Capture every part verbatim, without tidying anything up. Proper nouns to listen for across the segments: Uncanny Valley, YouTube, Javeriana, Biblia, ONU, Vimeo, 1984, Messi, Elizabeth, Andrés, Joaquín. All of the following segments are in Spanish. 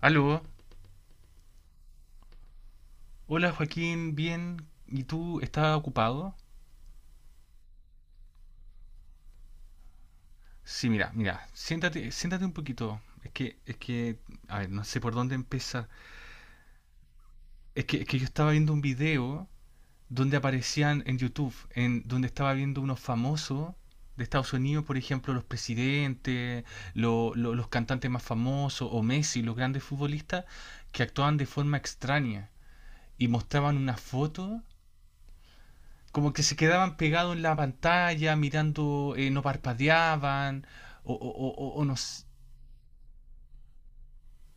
Aló, hola Joaquín, bien, ¿y tú estás ocupado? Sí, mira, mira, siéntate, siéntate un poquito. Es que, es que, a ver, no sé por dónde empezar. Es que, es que yo estaba viendo un video donde aparecían en YouTube, en donde estaba viendo unos famosos de Estados Unidos, por ejemplo, los presidentes, lo- lo- los cantantes más famosos, o Messi, los grandes futbolistas, que actuaban de forma extraña y mostraban una foto como que se quedaban pegados en la pantalla, mirando, eh, no parpadeaban, o, o, o- o- o no s-.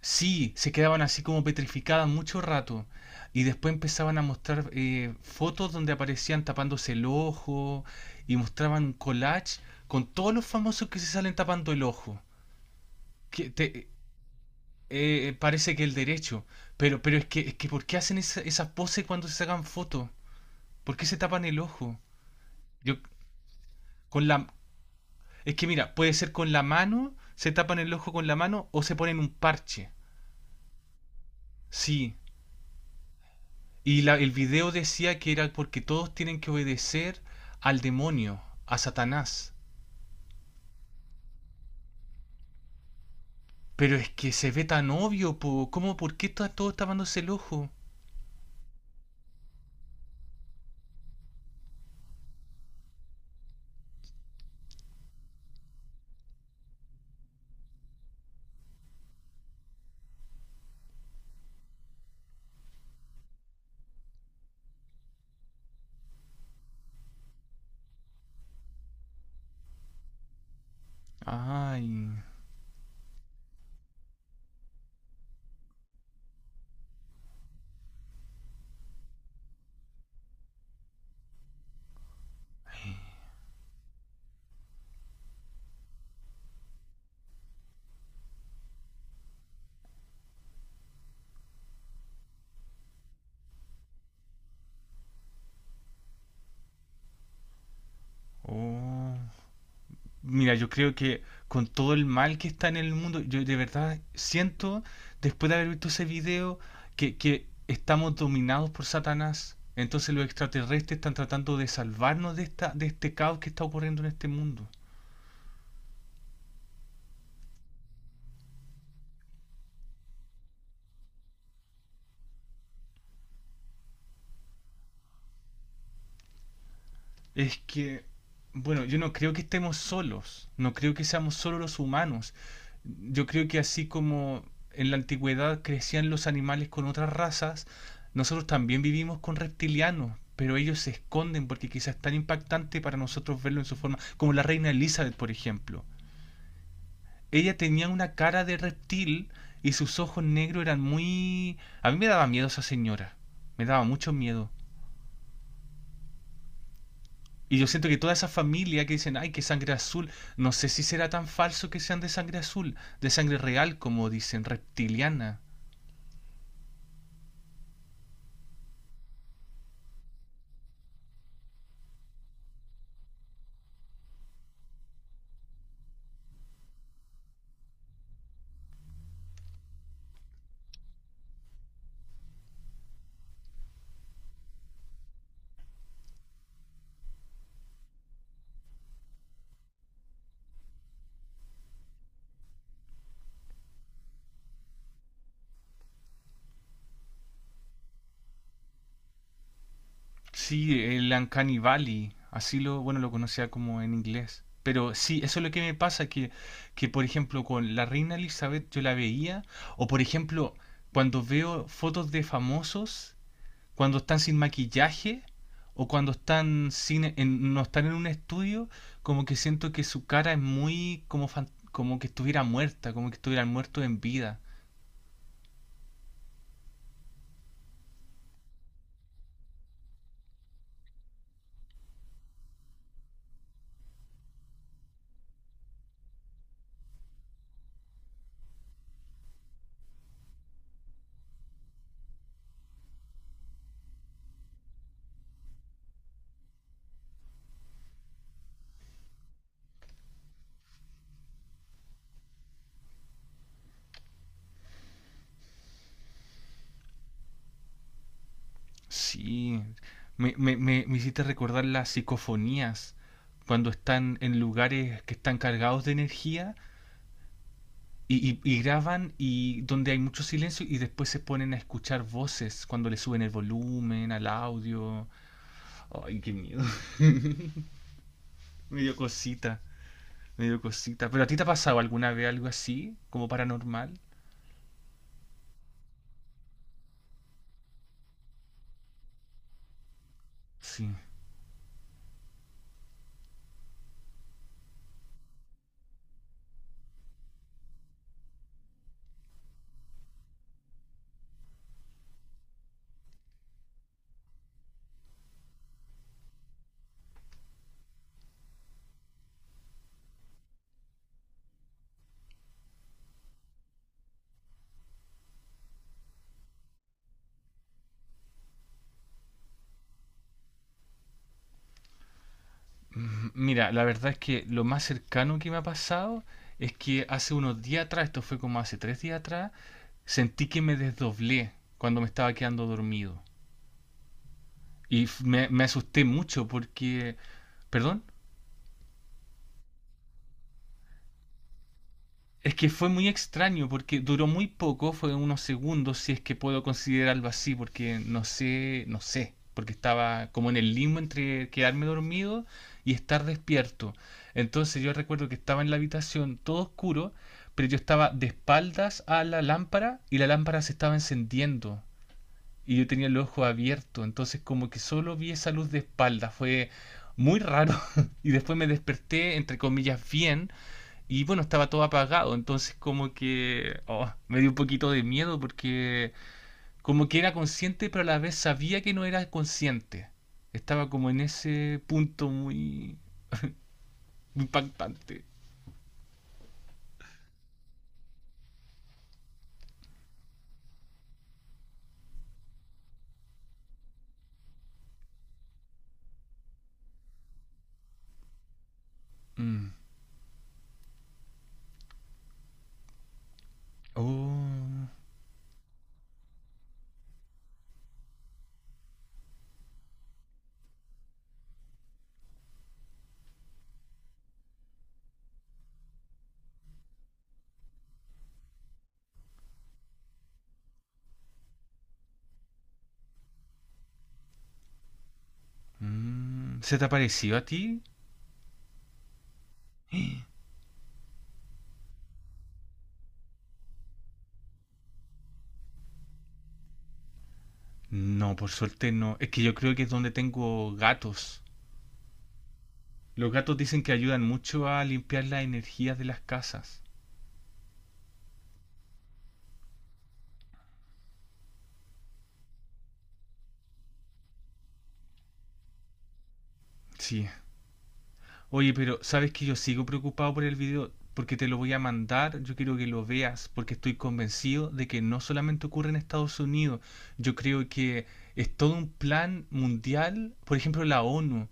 Sí, se quedaban así como petrificadas mucho rato. Y después empezaban a mostrar eh, fotos donde aparecían tapándose el ojo y mostraban un collage con todos los famosos que se salen tapando el ojo. Que te- eh, eh, Parece que el derecho. Pero, pero es que, es que ¿por qué hacen esa- esas poses cuando se sacan fotos? ¿Por qué se tapan el ojo? Yo, con la, Es que mira, puede ser con la mano, se tapan el ojo con la mano o se ponen un parche. Sí. Y la- el video decía que era porque todos tienen que obedecer al demonio, a Satanás. Pero es que se ve tan obvio, po. ¿Cómo? ¿Por qué está todo tapándose el ojo? Ay. Oh. Mira, yo creo que con todo el mal que está en el mundo, yo de verdad siento, después de haber visto ese video, que, que estamos dominados por Satanás. Entonces los extraterrestres están tratando de salvarnos de esta, de este caos que está ocurriendo en este mundo. Es que, bueno, yo no creo que estemos solos, no creo que seamos solo los humanos. Yo creo que así como en la antigüedad crecían los animales con otras razas, nosotros también vivimos con reptilianos, pero ellos se esconden porque quizás es tan impactante para nosotros verlo en su forma, como la reina Elizabeth, por ejemplo. Ella tenía una cara de reptil y sus ojos negros eran muy... A mí me daba miedo esa señora, me daba mucho miedo. Y yo siento que toda esa familia que dicen, ay, que sangre azul, no sé si será tan falso que sean de sangre azul, de sangre real, como dicen, reptiliana. Sí, el Uncanny Valley, así lo, bueno, lo conocía como en inglés. Pero sí, eso es lo que me pasa, que, que por ejemplo con la reina Elizabeth yo la veía, o por ejemplo cuando veo fotos de famosos cuando están sin maquillaje o cuando están sin, en- no están en un estudio, como que siento que su cara es muy como, fan- como que estuviera muerta, como que estuvieran muertos en vida. Sí, me, me, me, me hiciste recordar las psicofonías, cuando están en lugares que están cargados de energía y, y- y graban y donde hay mucho silencio y después se ponen a escuchar voces cuando le suben el volumen al audio. Ay, qué miedo. Me dio cosita. Me dio cosita. ¿Pero a ti te ha pasado alguna vez algo así? ¿Como paranormal? Sí. Mm, Mira, la verdad es que lo más cercano que me ha pasado es que hace unos días atrás, esto fue como hace tres días atrás, sentí que me desdoblé cuando me estaba quedando dormido. Y f- me, me asusté mucho porque... ¿Perdón? Es que fue muy extraño porque duró muy poco, fue unos segundos, si es que puedo considerarlo así, porque no sé, no sé, porque estaba como en el limbo entre quedarme dormido y estar despierto. Entonces yo recuerdo que estaba en la habitación todo oscuro, pero yo estaba de espaldas a la lámpara y la lámpara se estaba encendiendo y yo tenía el ojo abierto, entonces como que solo vi esa luz de espalda, fue muy raro y después me desperté entre comillas bien y bueno, estaba todo apagado, entonces como que oh, me dio un poquito de miedo porque como que era consciente, pero a la vez sabía que no era consciente. Estaba como en ese punto muy impactante. Mm. Oh, mm. ¿Se te apareció a ti? No, por suerte no. Es que yo creo que es donde tengo gatos. Los gatos dicen que ayudan mucho a limpiar las energías de las casas. Sí. Oye, pero sabes que yo sigo preocupado por el video porque te lo voy a mandar. Yo quiero que lo veas porque estoy convencido de que no solamente ocurre en Estados Unidos. Yo creo que es todo un plan mundial. Por ejemplo, la ONU.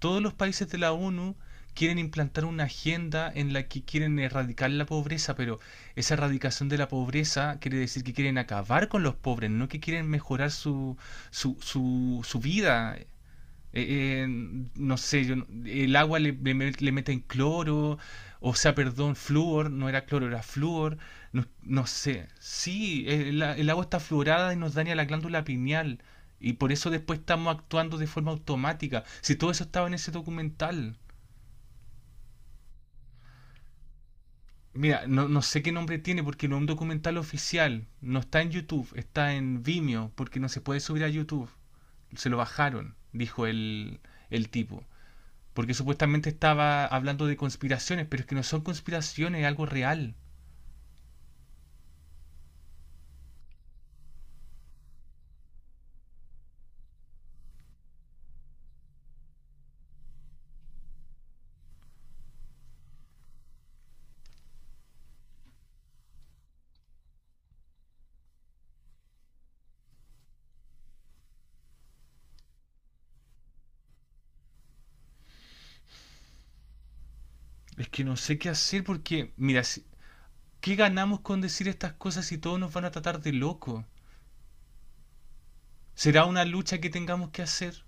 Todos los países de la ONU quieren implantar una agenda en la que quieren erradicar la pobreza, pero esa erradicación de la pobreza quiere decir que quieren acabar con los pobres, no que quieren mejorar su, su, su, su vida. Eh, eh, no sé, yo no- el agua le, le met- le meten cloro, o sea, perdón, flúor, no era cloro, era flúor, no, no sé. Sí, el, a- el agua está fluorada y nos daña la glándula pineal, y por eso después estamos actuando de forma automática. Si todo eso estaba en ese documental. Mira, no, no sé qué nombre tiene porque no es un documental oficial, no está en YouTube, está en Vimeo, porque no se puede subir a YouTube. Se lo bajaron, dijo el, el tipo. Porque supuestamente estaba hablando de conspiraciones, pero es que no son conspiraciones, es algo real. Es que no sé qué hacer porque, mira, si- ¿qué ganamos con decir estas cosas si todos nos van a tratar de loco? ¿Será una lucha que tengamos que hacer?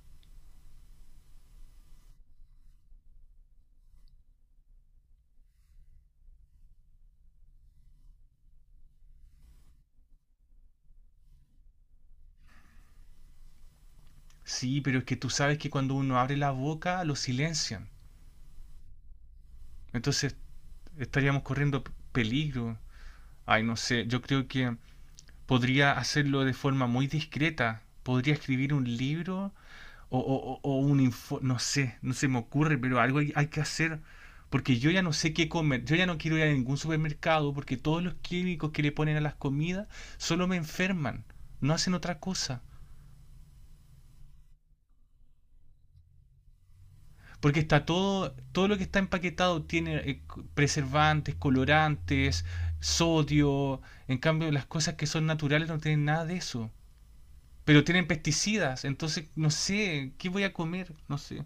Sí, pero es que tú sabes que cuando uno abre la boca lo silencian. Entonces estaríamos corriendo peligro. Ay, no sé, yo creo que podría hacerlo de forma muy discreta. Podría escribir un libro o, o- o un info, no sé, no se me ocurre, pero algo hay, hay que hacer, porque yo ya no sé qué comer, yo ya no quiero ir a ningún supermercado, porque todos los químicos que le ponen a las comidas solo me enferman, no hacen otra cosa, porque está todo, todo lo que está empaquetado tiene eh, preservantes, colorantes, sodio, en cambio las cosas que son naturales no tienen nada de eso. Pero tienen pesticidas, entonces no sé, ¿qué voy a comer? No sé.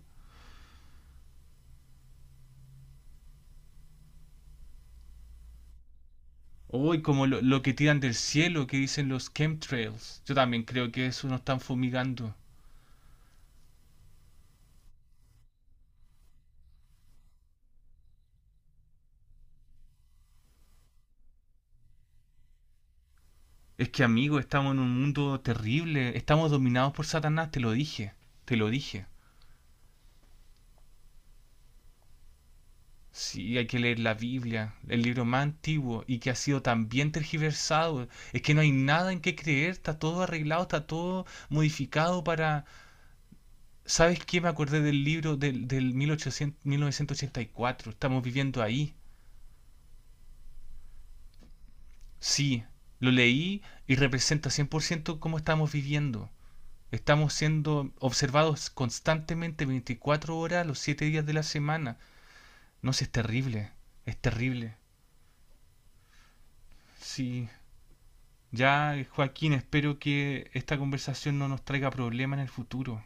Uy, como lo, lo que tiran del cielo, que dicen los chemtrails. Yo también creo que eso nos están fumigando. Es que, amigo, estamos en un mundo terrible. Estamos dominados por Satanás, te lo dije. Te lo dije. Sí, hay que leer la Biblia, el libro más antiguo y que ha sido tan bien tergiversado. Es que no hay nada en qué creer, está todo arreglado, está todo modificado para... ¿Sabes qué? Me acordé del libro del, del mil ochocientos, mil novecientos ochenta y cuatro. Estamos viviendo ahí. Sí, lo leí y representa cien por ciento cómo estamos viviendo. Estamos siendo observados constantemente veinticuatro horas los siete días de la semana. No sé, es terrible, es terrible. Sí, ya Joaquín, espero que esta conversación no nos traiga problemas en el futuro.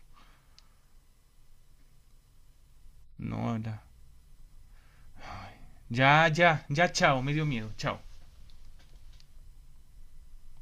No, la- ya, ya, ya, chao, me dio miedo, chao.